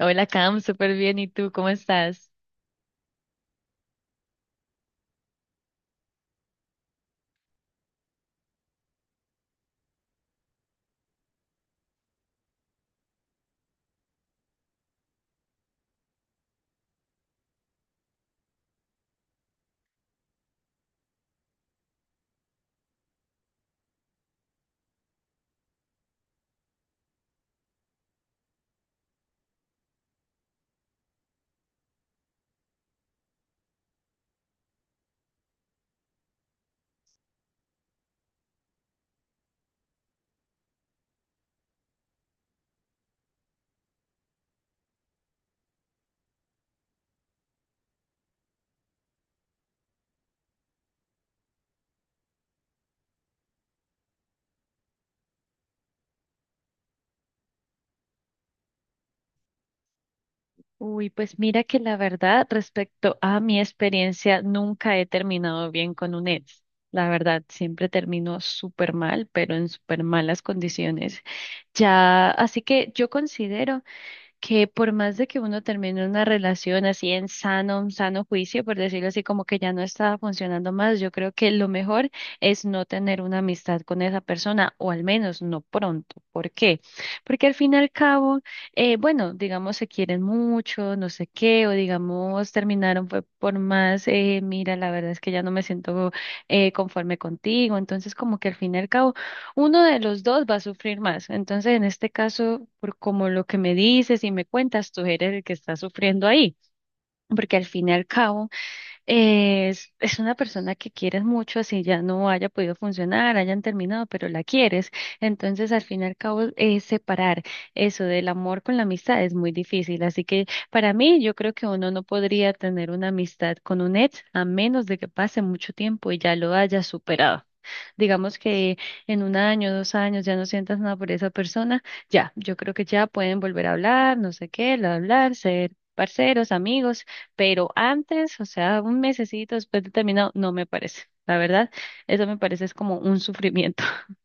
Hola Cam, súper bien. ¿Y tú cómo estás? Uy, pues mira que la verdad, respecto a mi experiencia, nunca he terminado bien con un ex. La verdad, siempre termino súper mal, pero en súper malas condiciones. Ya, así que yo considero que por más de que uno termine una relación así en sano, un sano juicio, por decirlo así, como que ya no estaba funcionando más, yo creo que lo mejor es no tener una amistad con esa persona, o al menos no pronto. ¿Por qué? Porque al fin y al cabo, bueno, digamos se quieren mucho, no sé qué, o digamos terminaron fue por más, mira, la verdad es que ya no me siento conforme contigo, entonces como que al fin y al cabo uno de los dos va a sufrir más. Entonces, en este caso, por como lo que me dices y me cuentas, tú eres el que está sufriendo ahí, porque al fin y al cabo es una persona que quieres mucho, así ya no haya podido funcionar, hayan terminado, pero la quieres. Entonces, al fin y al cabo, separar eso del amor con la amistad es muy difícil. Así que para mí, yo creo que uno no podría tener una amistad con un ex a menos de que pase mucho tiempo y ya lo haya superado. Digamos que en un año, 2 años ya no sientas nada por esa persona, ya, yo creo que ya pueden volver a hablar, no sé qué, hablar, ser parceros, amigos, pero antes, o sea, un mesecito después de terminado, no me parece, la verdad, eso me parece es como un sufrimiento.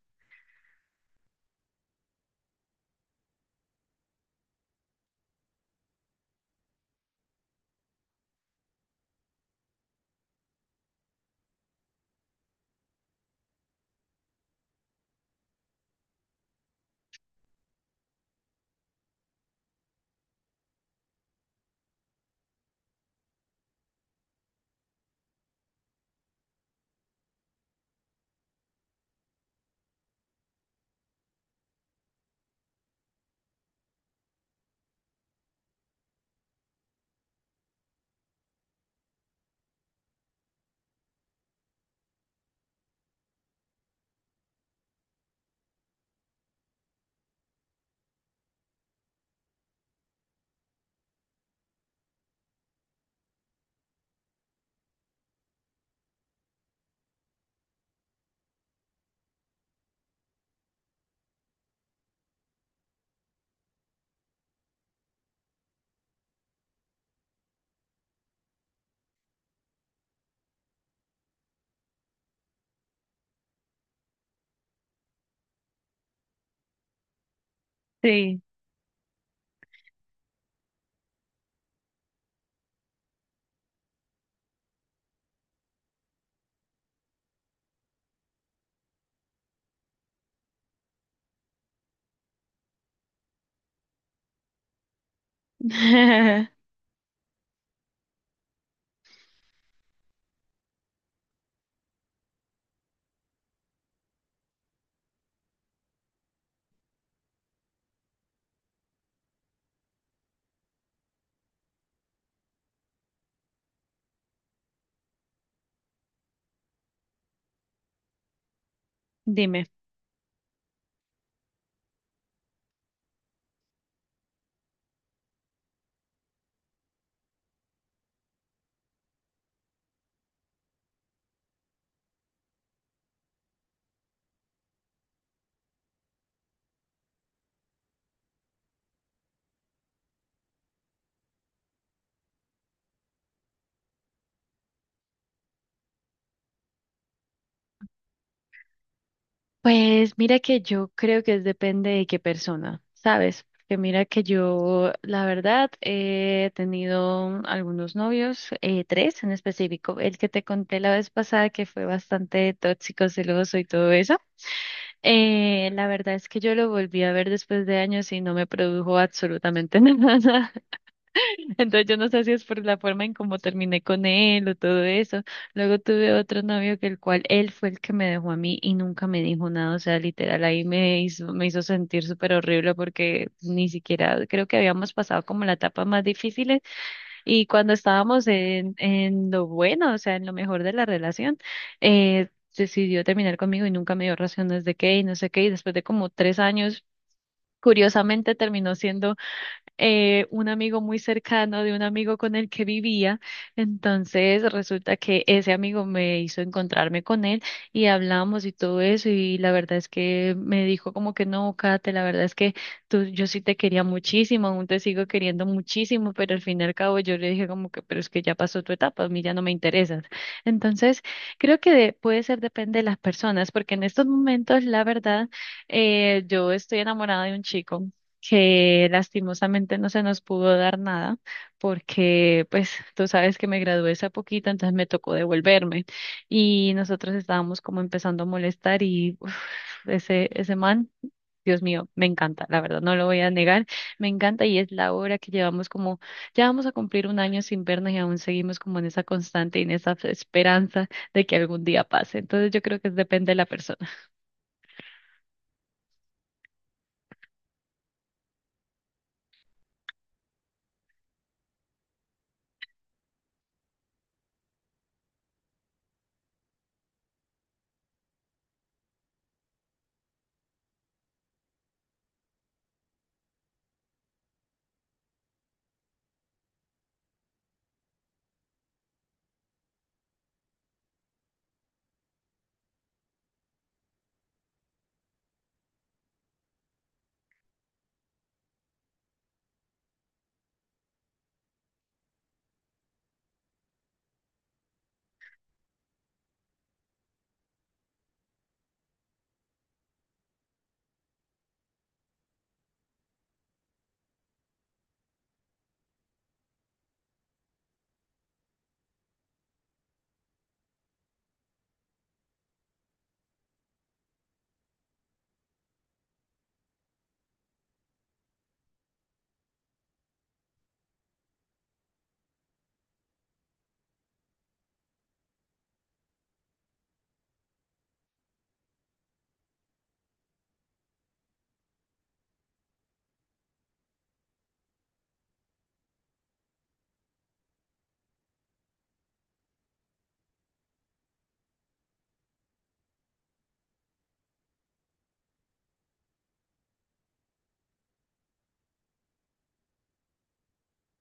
Sí. Dime. Pues mira que yo creo que depende de qué persona, ¿sabes? Que mira que yo, la verdad, he tenido algunos novios, tres en específico, el que te conté la vez pasada que fue bastante tóxico, celoso y todo eso. La verdad es que yo lo volví a ver después de años y no me produjo absolutamente nada. Entonces yo no sé si es por la forma en cómo terminé con él o todo eso. Luego tuve otro novio que el cual él fue el que me dejó a mí y nunca me dijo nada. O sea, literal ahí me hizo sentir súper horrible porque ni siquiera creo que habíamos pasado como la etapa más difícil y cuando estábamos en lo bueno, o sea, en lo mejor de la relación, eh, decidió terminar conmigo y nunca me dio razones de qué y no sé qué. Y después de como 3 años, curiosamente terminó siendo un amigo muy cercano de un amigo con el que vivía. Entonces resulta que ese amigo me hizo encontrarme con él y hablamos y todo eso y la verdad es que me dijo como que no, Kate, la verdad es que tú, yo sí te quería muchísimo, aún te sigo queriendo muchísimo, pero al fin y al cabo yo le dije como que, pero es que ya pasó tu etapa, a mí ya no me interesas. Entonces creo que puede ser depende de las personas porque en estos momentos la verdad yo estoy enamorada de un chico que lastimosamente no se nos pudo dar nada porque pues tú sabes que me gradué hace poquito, entonces me tocó devolverme y nosotros estábamos como empezando a molestar y uf, ese man, Dios mío, me encanta, la verdad, no lo voy a negar, me encanta y es la hora que llevamos como, ya vamos a cumplir un año sin vernos y aún seguimos como en esa constante y en esa esperanza de que algún día pase. Entonces yo creo que depende de la persona.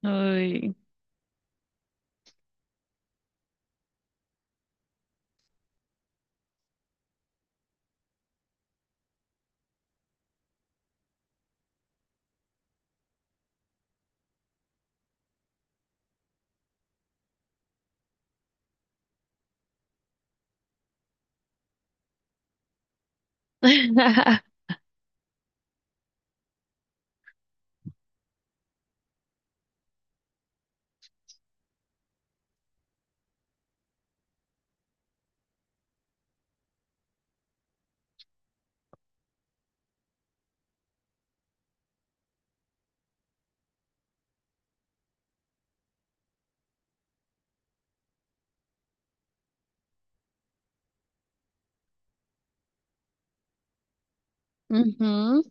Uy. Ujú.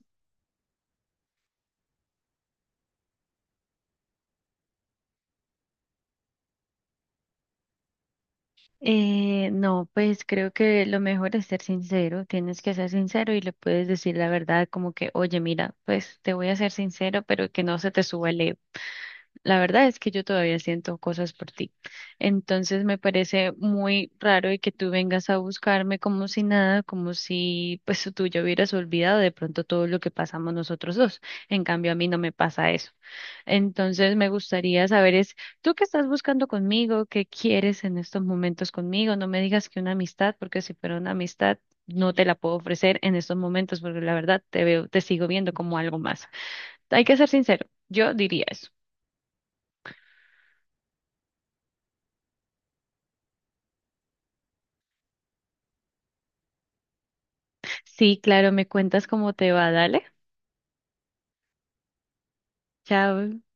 No, pues creo que lo mejor es ser sincero, tienes que ser sincero y le puedes decir la verdad como que, oye, mira, pues te voy a ser sincero, pero que no se te suba el ego. La verdad es que yo todavía siento cosas por ti. Entonces me parece muy raro y que tú vengas a buscarme como si nada, como si pues tú ya hubieras olvidado de pronto todo lo que pasamos nosotros dos. En cambio, a mí no me pasa eso. Entonces me gustaría saber es, ¿tú qué estás buscando conmigo? ¿Qué quieres en estos momentos conmigo? No me digas que una amistad, porque si fuera una amistad, no te la puedo ofrecer en estos momentos, porque la verdad te veo, te sigo viendo como algo más. Hay que ser sincero, yo diría eso. Sí, claro, me cuentas cómo te va, dale. Chao.